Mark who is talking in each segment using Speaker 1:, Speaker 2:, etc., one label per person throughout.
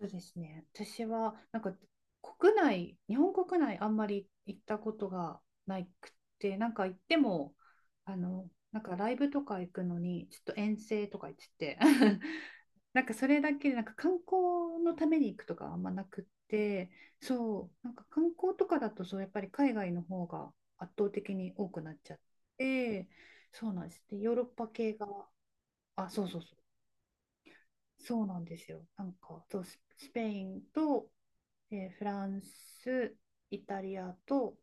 Speaker 1: えっとですね、私は国内、日本国内あんまり行ったことがなくて、なんか行っても、ライブとか行くのに、ちょっと遠征とか言ってて、なんかそれだけで、なんか観光のために行くとかあんまなくって、そう、なんか観光とかだと、そう、やっぱり海外の方が圧倒的に多くなっちゃって、そうなんです。で、ヨーロッパ系が、あ、そうそうそう、そうなんですよ。スペインと、で、フランス、イタリアと、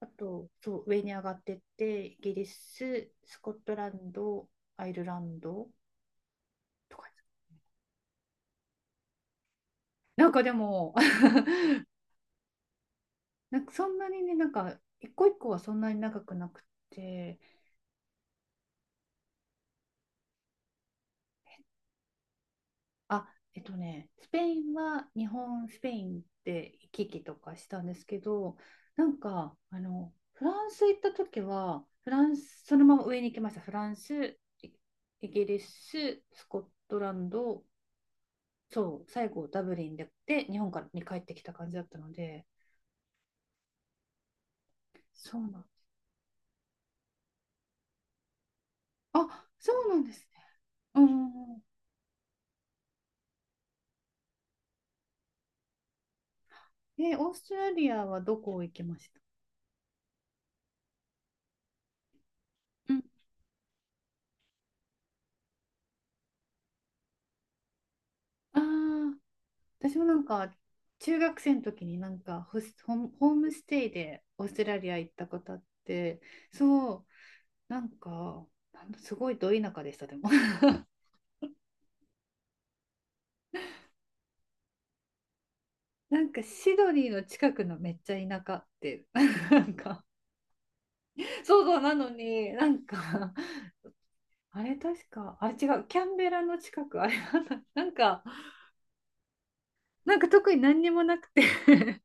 Speaker 1: あと、そう、上に上がってって、イギリス、スコットランド、アイルランドとか。なんかでも、なんかそんなにね、なんか、一個一個はそんなに長くなくて、あ、えっとね、スペインは日本、スペインで行き来とかしたんですけど、なんか、あの、フランス行った時は、フランス、そのまま上に行きました。フランス、イイギリス、スコットランド、そう、最後ダブリンで、で日本からに帰ってきた感じだったので、そうなんです。あ、そうなんですね。うんうんうん。え、オーストラリアはどこ行きました？うん。ああ、私もなんか中学生の時になんかホス、ホームホームステイでオーストラリア行ったことあって、そう、なんか、なんだすごいど田舎でした、でも。なんかシドニーの近くのめっちゃ田舎って、なんか、そうそうなのに、なんかあれ確か、あれ違う、キャンベラの近く、あれなんだ、なんか、なんか特に何にもなくて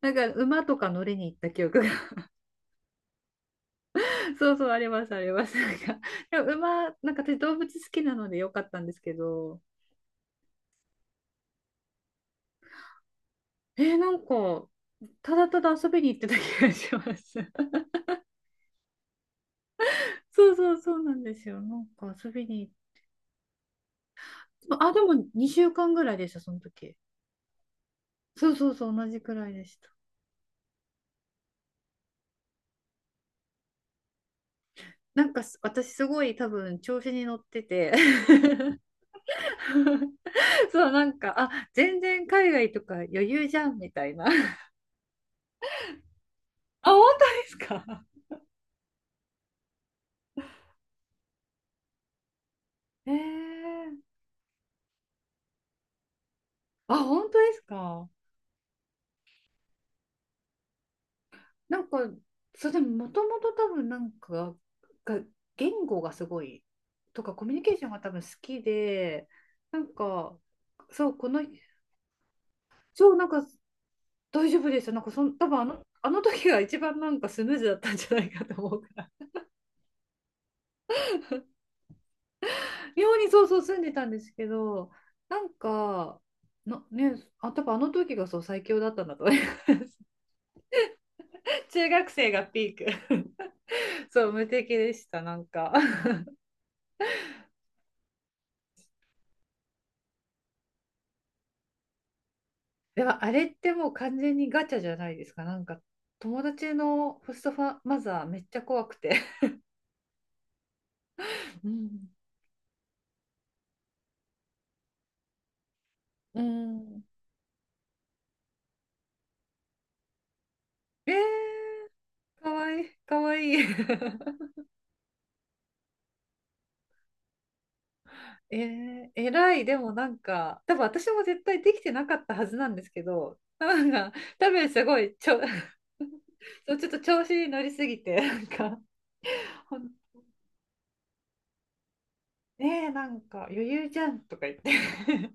Speaker 1: なんか馬とか乗りに行った記憶が そうそう、あります、あります。なんか、でも馬、なんか私動物好きなのでよかったんですけど、えー、なんか、ただただ遊びに行ってた気がします。そうそうそうなんですよ。なんか遊びに行っあ、でも2週間ぐらいでした、その時。そうそうそう、同じくらいでした。なんかす私すごい多分調子に乗ってて そう、なんか、あ、全然海外とか余裕じゃんみたいな。あ、本当ですか？ えー、あ、本当ですか？なんか、そう、でも、もともと多分なんか、が、言語がすごい、とか、コミュニケーションが多分好きで、なんか、そう、この、そう、なんか、大丈夫でした。なんかそん、多分あの、あの時が一番なんかスムーズだったんじゃないかと思うから。妙にそうそう住んでたんですけど、なんか、なね、あ、多分あの時がそう最強だったんだと。中学生がピーク。そう、無敵でした、なんか。でもあれってもう完全にガチャじゃないですか。なんか友達のホストファマザーめっちゃ怖くて。うん。うん。えー、かわいい、かわいい。えー、偉い。でもなんか、多分私も絶対できてなかったはずなんですけど、なんか、多分すごい、ちょ、そうちょっと調子に乗りすぎて、なんか、ほんねえ、なんか余裕じゃんとか言って。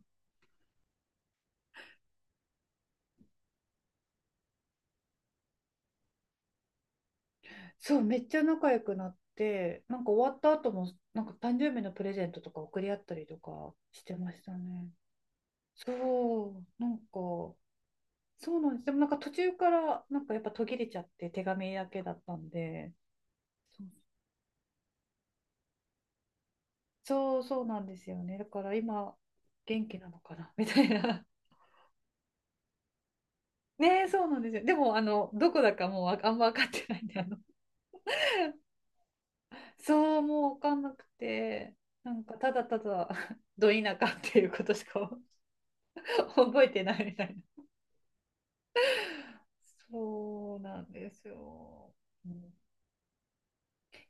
Speaker 1: そう、めっちゃ仲良くなって、なんか終わった後も、なんか誕生日のプレゼントとか送り合ったりとかしてましたね。そう、なんか、そうなんです。でもなんか途中から、なんかやっぱ途切れちゃって、手紙だけだったんで、そう、そうなんですよね。だから今、元気なのかな みたいな。ねえ、そうなんですよ。でも、あの、どこだかもうあんま分かってないんで、あの、そう、もう分かんなくて、なんか、ただただ、ど田舎っていうことしか 覚えてないみたいな。そうなんですよ。うん。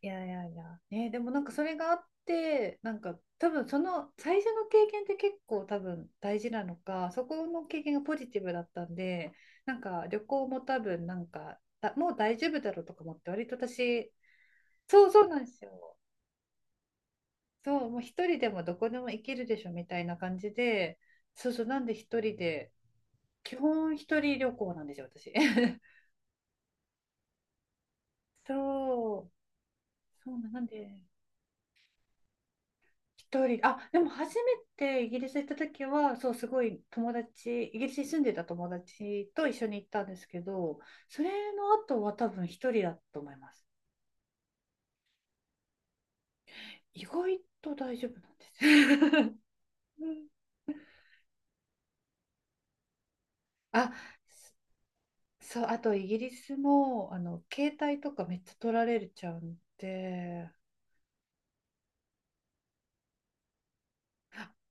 Speaker 1: いやいやいや、ね、でもなんかそれがあって、なんか多分その最初の経験って結構多分大事なのか、そこの経験がポジティブだったんで、なんか旅行も多分なんか、だもう大丈夫だろうとか思って、割と私、そうそうなんですよ。そう、もう一人でもどこでも行けるでしょみたいな感じで、そうそう、なんで一人で、基本一人旅行なんですよ、私。そう、そうなんで。一人、あ、でも初めてイギリス行った時は、そう、すごい友達、イギリスに住んでた友達と一緒に行ったんですけど、それの後は多分一人だと思います。意外と大丈夫なんです。 あ、そう、あとイギリスも、あの、携帯とかめっちゃ取られちゃうんで、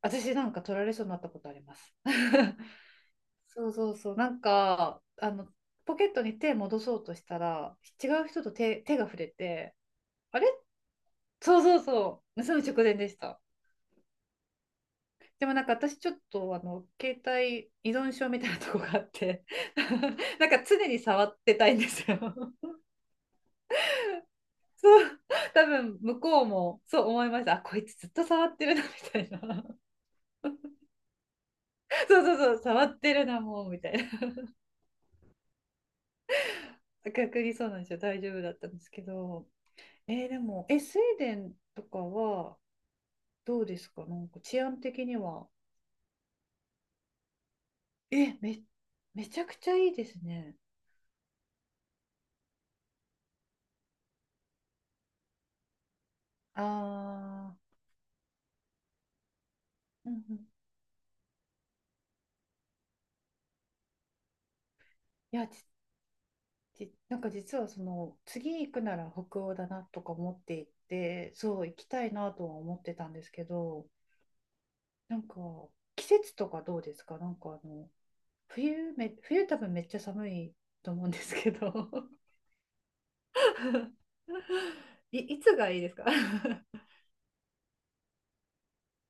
Speaker 1: 私なんか取られそうになったことあります。そうそうそう。なんか、あの、ポケットに手戻そうとしたら、違う人と手が触れて、あれそうそうそう。盗む直前でした。でもなんか私ちょっとあの携帯依存症みたいなとこがあって なんか常に触ってたいんですよ。 そう、多分向こうもそう思いました、あこいつずっと触ってるなみたいな。 そうそうそう、触ってるなもうみたいな。 逆にそうなんですよ、大丈夫だったんですけど、えーでもえスウェーデンとかはどうですか、なんか治安的には。え、め、めちゃくちゃいいですね。ああ、うんうん。いや、ち、ち、なんか実はその、次行くなら北欧だなとか思っていて、そう、行きたいなとは思ってたんですけど、なんか、季節とかどうですか？なんかあの、冬多分めっちゃ寒いと思うんですけど。い、いつがいいですか？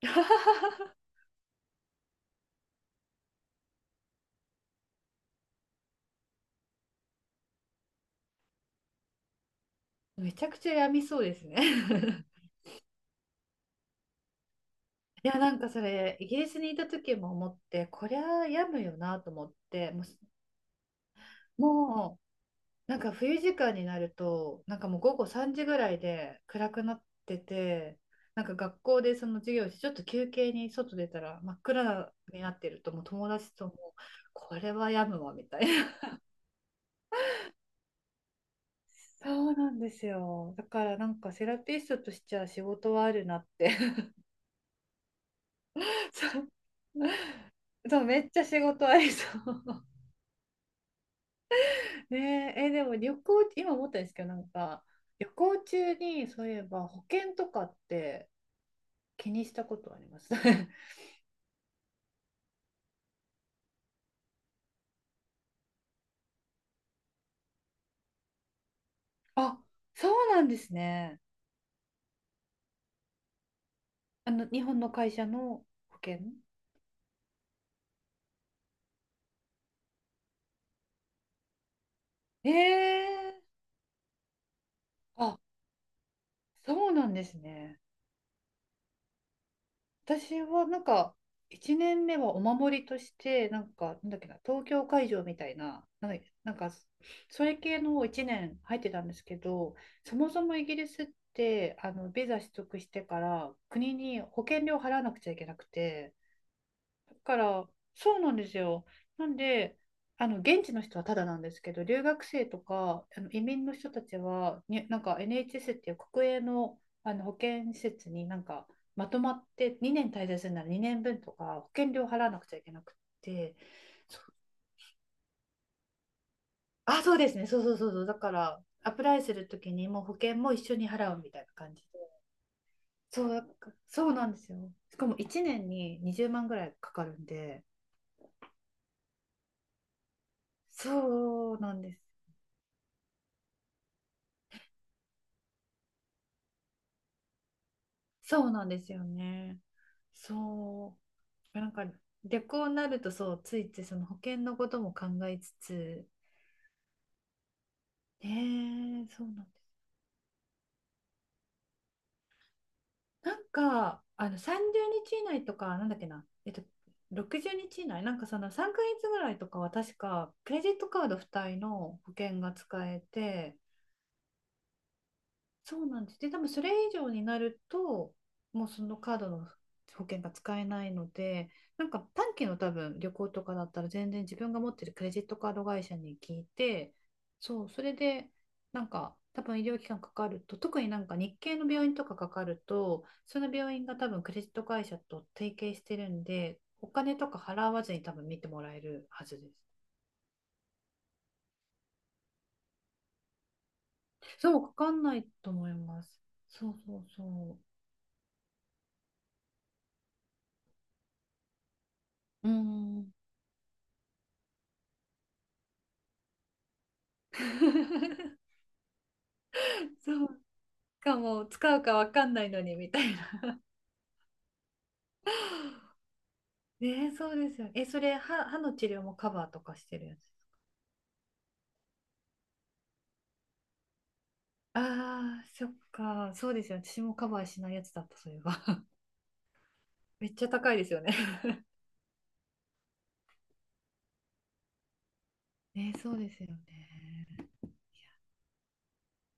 Speaker 1: めちゃくちゃ病みそうですね。いや、なんかそれ、イギリスにいた時も思って、こりゃ病むよなと思って、もうなんか冬時間になると、なんかもう午後3時ぐらいで暗くなってて、なんか学校でその授業して、ちょっと休憩に外出たら真っ暗になってると、もう友達とも、これは病むわみたいな。そうなんですよ。だからなんかセラピストとしちゃ仕事はあるなって。そう、そうめっちゃ仕事ありそう。ねえ、え、でも旅行、今思ったんですけど、なんか、旅行中に、そういえば保険とかって気にしたことあります？ あ、そうなんですね。あの、日本の会社の保険？ええ、あ、そうなんですね。私はなんか1年目はお守りとしてなんかなんだっけな東京会場みたいな、なんか、なんかそれ系の1年入ってたんですけど、そもそもイギリスってあのビザ取得してから国に保険料払わなくちゃいけなくて。から、そうなんですよ。なんで、あの現地の人はただなんですけど、留学生とかあの移民の人たちは、になんか NHS っていう国営の、あの保健施設になんかまとまって2年滞在するなら2年分とか保険料払わなくちゃいけなくって、そう、あ、そうですね、そうそうそうそう、だからアプライするときにもう保険も一緒に払うみたいな感じで、そう、だからそうなんですよ。しかも1年に20万ぐらいかかるんで、そうなんです。そうなんですよね。そう。なんか、逆になると、そう、ついついその保険のことも考えつつ、ねえ、そうなんです。なんか、あの、30日以内とか、なんだっけな、えっと、60日以内、なんかその3ヶ月ぐらいとかは確か、クレジットカード付帯の保険が使えて、そうなんです。で、多分それ以上になると、もうそのカードの保険が使えないので、なんか短期の多分旅行とかだったら全然自分が持ってるクレジットカード会社に聞いて、そう、それでなんか多分医療機関かかると、特になんか日系の病院とかかかると、その病院が多分クレジット会社と提携してるんで、お金とか払わずに多分見てもらえるはずです。そう、かかんないと思います。そうそうそう。うーん。そうかも使うかわかんないのにみたいな。えー、そうですよね。え、それ歯、歯の治療もカバーとかしてるやつ？ああ、そっか。そうですよね。私もカバーしないやつだった、それは。めっちゃ高いですよね。えー、そうですよね。